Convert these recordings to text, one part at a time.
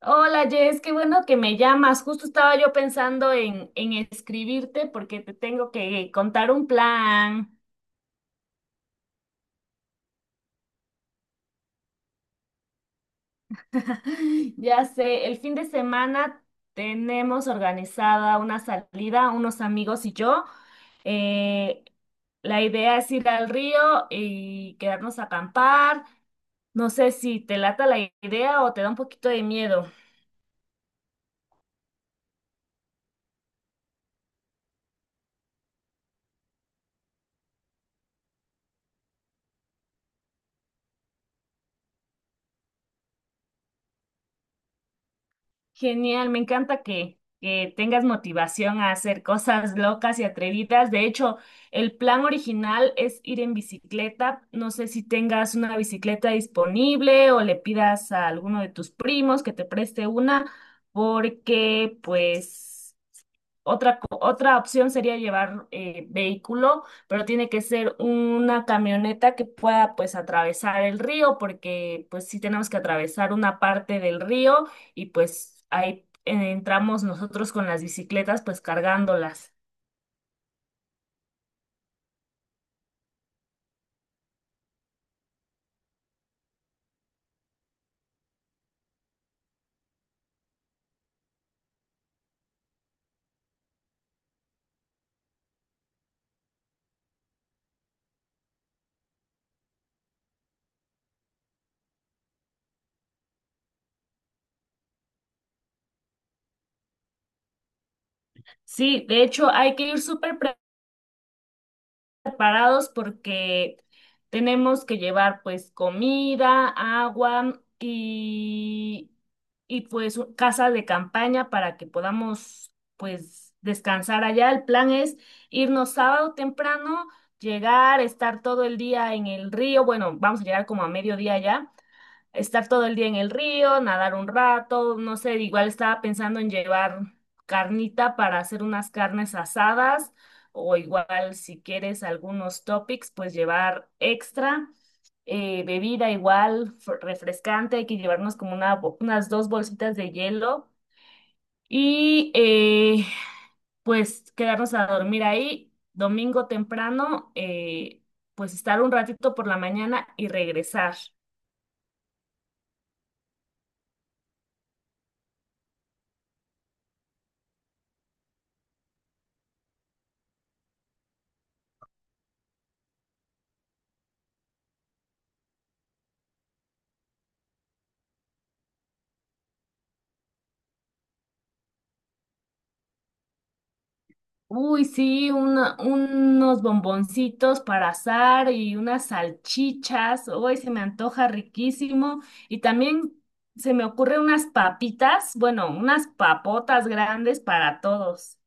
Hola Jess, qué bueno que me llamas. Justo estaba yo pensando en escribirte porque te tengo que contar un plan. Ya sé, el fin de semana tenemos organizada una salida, unos amigos y yo. Eh, la idea es ir al río y quedarnos a acampar. No sé si te lata la idea o te da un poquito de miedo. Genial, me encanta que tengas motivación a hacer cosas locas y atrevidas. De hecho, el plan original es ir en bicicleta. No sé si tengas una bicicleta disponible o le pidas a alguno de tus primos que te preste una, porque pues otra opción sería llevar vehículo, pero tiene que ser una camioneta que pueda pues atravesar el río, porque pues sí tenemos que atravesar una parte del río y pues ahí entramos nosotros con las bicicletas pues cargándolas. Sí, de hecho hay que ir súper preparados porque tenemos que llevar pues comida, agua y pues casa de campaña para que podamos pues descansar allá. El plan es irnos sábado temprano, llegar, estar todo el día en el río. Bueno, vamos a llegar como a mediodía allá, estar todo el día en el río, nadar un rato, no sé, igual estaba pensando en llevar carnita para hacer unas carnes asadas o igual si quieres algunos topics, pues llevar extra. Bebida igual, refrescante, hay que llevarnos como unas dos bolsitas de hielo y pues quedarnos a dormir ahí domingo temprano, pues estar un ratito por la mañana y regresar. Uy, sí, unos bomboncitos para asar y unas salchichas. Uy, se me antoja riquísimo. Y también se me ocurre unas papitas, bueno, unas papotas grandes para todos.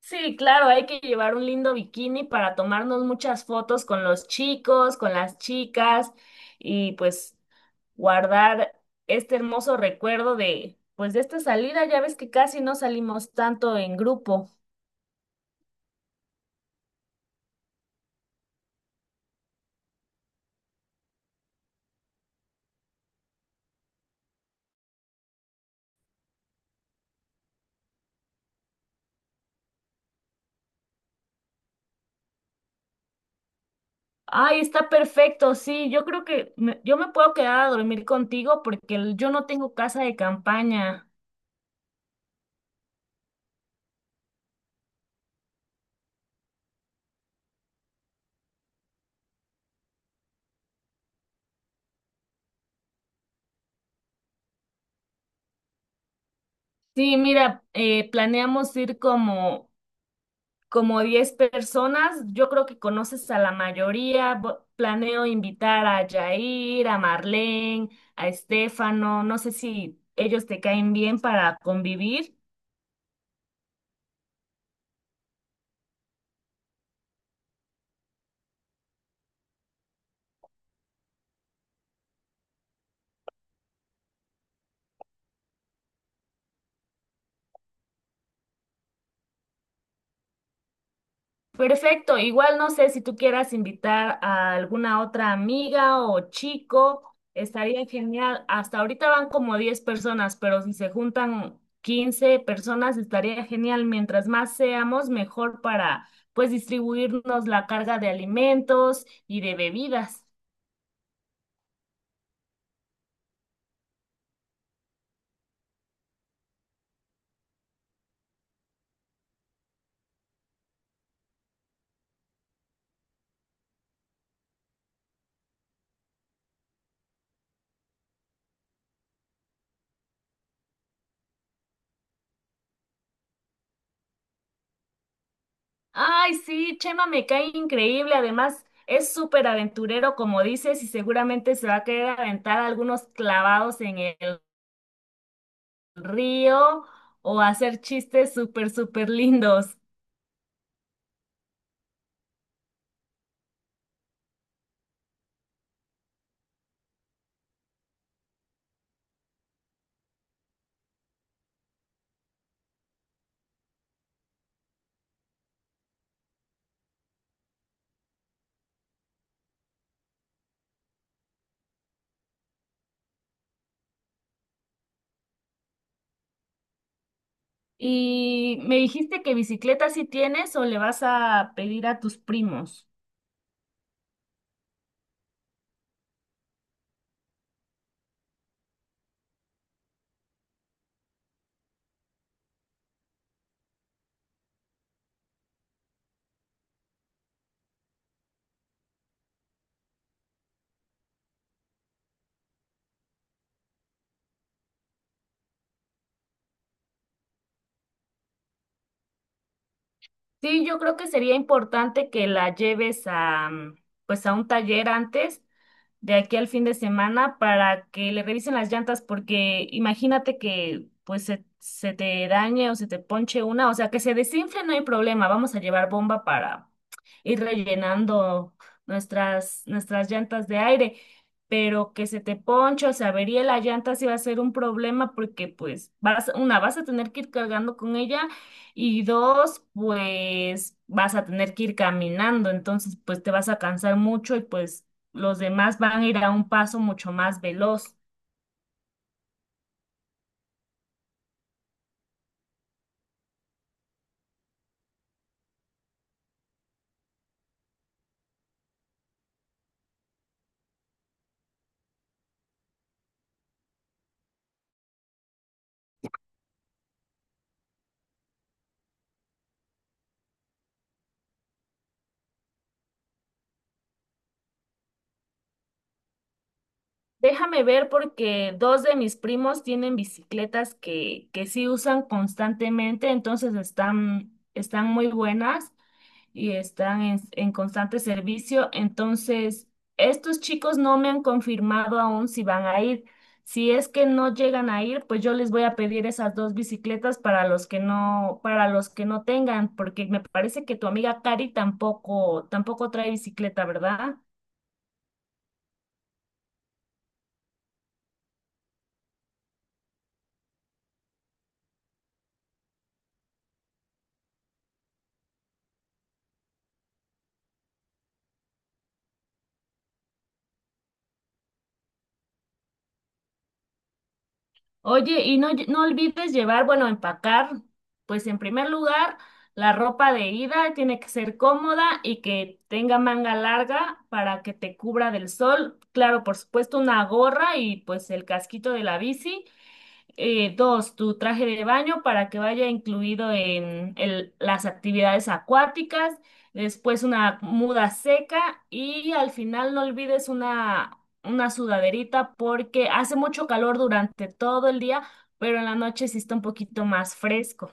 Sí, claro, hay que llevar un lindo bikini para tomarnos muchas fotos con los chicos, con las chicas y pues guardar este hermoso recuerdo pues de esta salida. Ya ves que casi no salimos tanto en grupo. Ay, está perfecto, sí, yo creo que yo me puedo quedar a dormir contigo porque yo no tengo casa de campaña. Sí, mira, planeamos ir como 10 personas, yo creo que conoces a la mayoría. Planeo invitar a Jair, a Marlene, a Estefano, no sé si ellos te caen bien para convivir. Perfecto, igual no sé si tú quieras invitar a alguna otra amiga o chico, estaría genial. Hasta ahorita van como 10 personas, pero si se juntan 15 personas estaría genial. Mientras más seamos, mejor para pues distribuirnos la carga de alimentos y de bebidas. Ay, sí, Chema me cae increíble. Además, es súper aventurero, como dices, y seguramente se va a querer aventar algunos clavados en el río o hacer chistes súper lindos. Y me dijiste que bicicleta sí tienes o le vas a pedir a tus primos. Sí, yo creo que sería importante que la lleves pues a un taller antes de aquí al fin de semana para que le revisen las llantas, porque imagínate que pues se te dañe o se te ponche una, o sea, que se desinfle, no hay problema, vamos a llevar bomba para ir rellenando nuestras llantas de aire, pero que se te ponche o se averíe la llanta sí va a ser un problema porque pues vas, una, vas a tener que ir cargando con ella y dos, pues vas a tener que ir caminando, entonces pues te vas a cansar mucho y pues los demás van a ir a un paso mucho más veloz. Déjame ver porque dos de mis primos tienen bicicletas que sí usan constantemente, entonces están, están muy buenas y están en constante servicio. Entonces, estos chicos no me han confirmado aún si van a ir. Si es que no llegan a ir, pues yo les voy a pedir esas dos bicicletas para los que no, para los que no tengan, porque me parece que tu amiga Cari tampoco trae bicicleta, ¿verdad? Oye, no olvides llevar, bueno, empacar, pues en primer lugar, la ropa de ida tiene que ser cómoda y que tenga manga larga para que te cubra del sol. Claro, por supuesto, una gorra y pues el casquito de la bici. Dos, tu traje de baño para que vaya incluido en las actividades acuáticas, después una muda seca y al final no olvides una sudaderita porque hace mucho calor durante todo el día, pero en la noche sí está un poquito más fresco.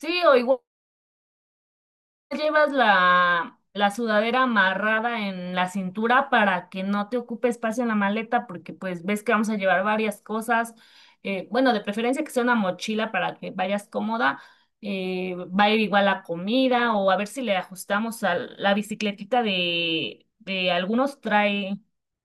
Sí, o igual llevas la sudadera amarrada en la cintura para que no te ocupe espacio en la maleta, porque pues ves que vamos a llevar varias cosas. Bueno, de preferencia que sea una mochila para que vayas cómoda. Va a ir igual la comida, o a ver si le ajustamos a la bicicletita de algunos trae,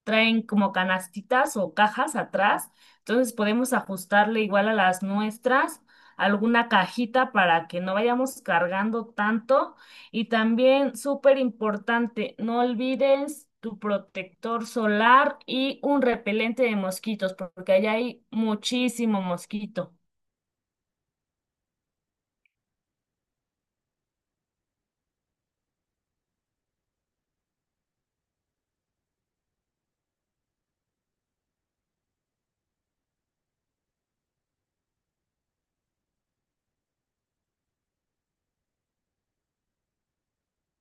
traen como canastitas o cajas atrás, entonces podemos ajustarle igual a las nuestras alguna cajita para que no vayamos cargando tanto y también, súper importante, no olvides tu protector solar y un repelente de mosquitos, porque allá hay muchísimo mosquito.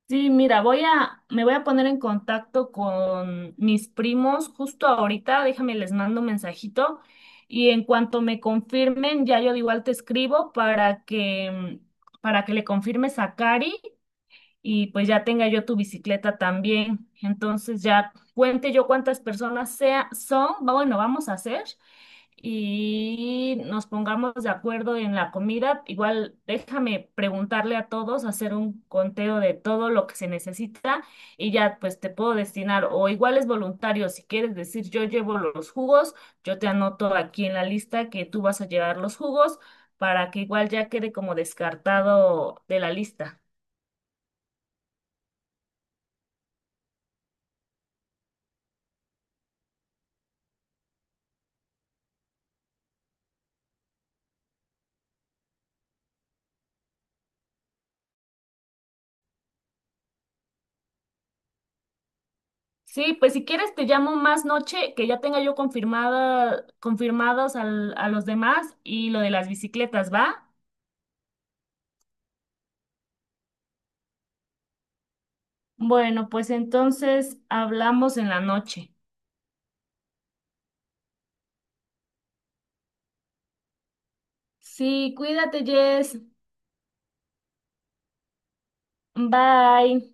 Sí, mira, me voy a poner en contacto con mis primos justo ahorita, déjame les mando un mensajito y en cuanto me confirmen, ya yo igual te escribo para que le confirmes a Cari y pues ya tenga yo tu bicicleta también. Entonces ya cuente yo cuántas personas sea, son, bueno, vamos a hacer y nos pongamos de acuerdo en la comida. Igual déjame preguntarle a todos, hacer un conteo de todo lo que se necesita y ya pues te puedo destinar o igual es voluntario, si quieres decir yo llevo los jugos, yo te anoto aquí en la lista que tú vas a llevar los jugos para que igual ya quede como descartado de la lista. Sí, pues si quieres te llamo más noche, que ya tenga yo confirmada, confirmados a los demás y lo de las bicicletas, ¿va? Bueno, pues entonces hablamos en la noche. Sí, cuídate, Jess. Bye.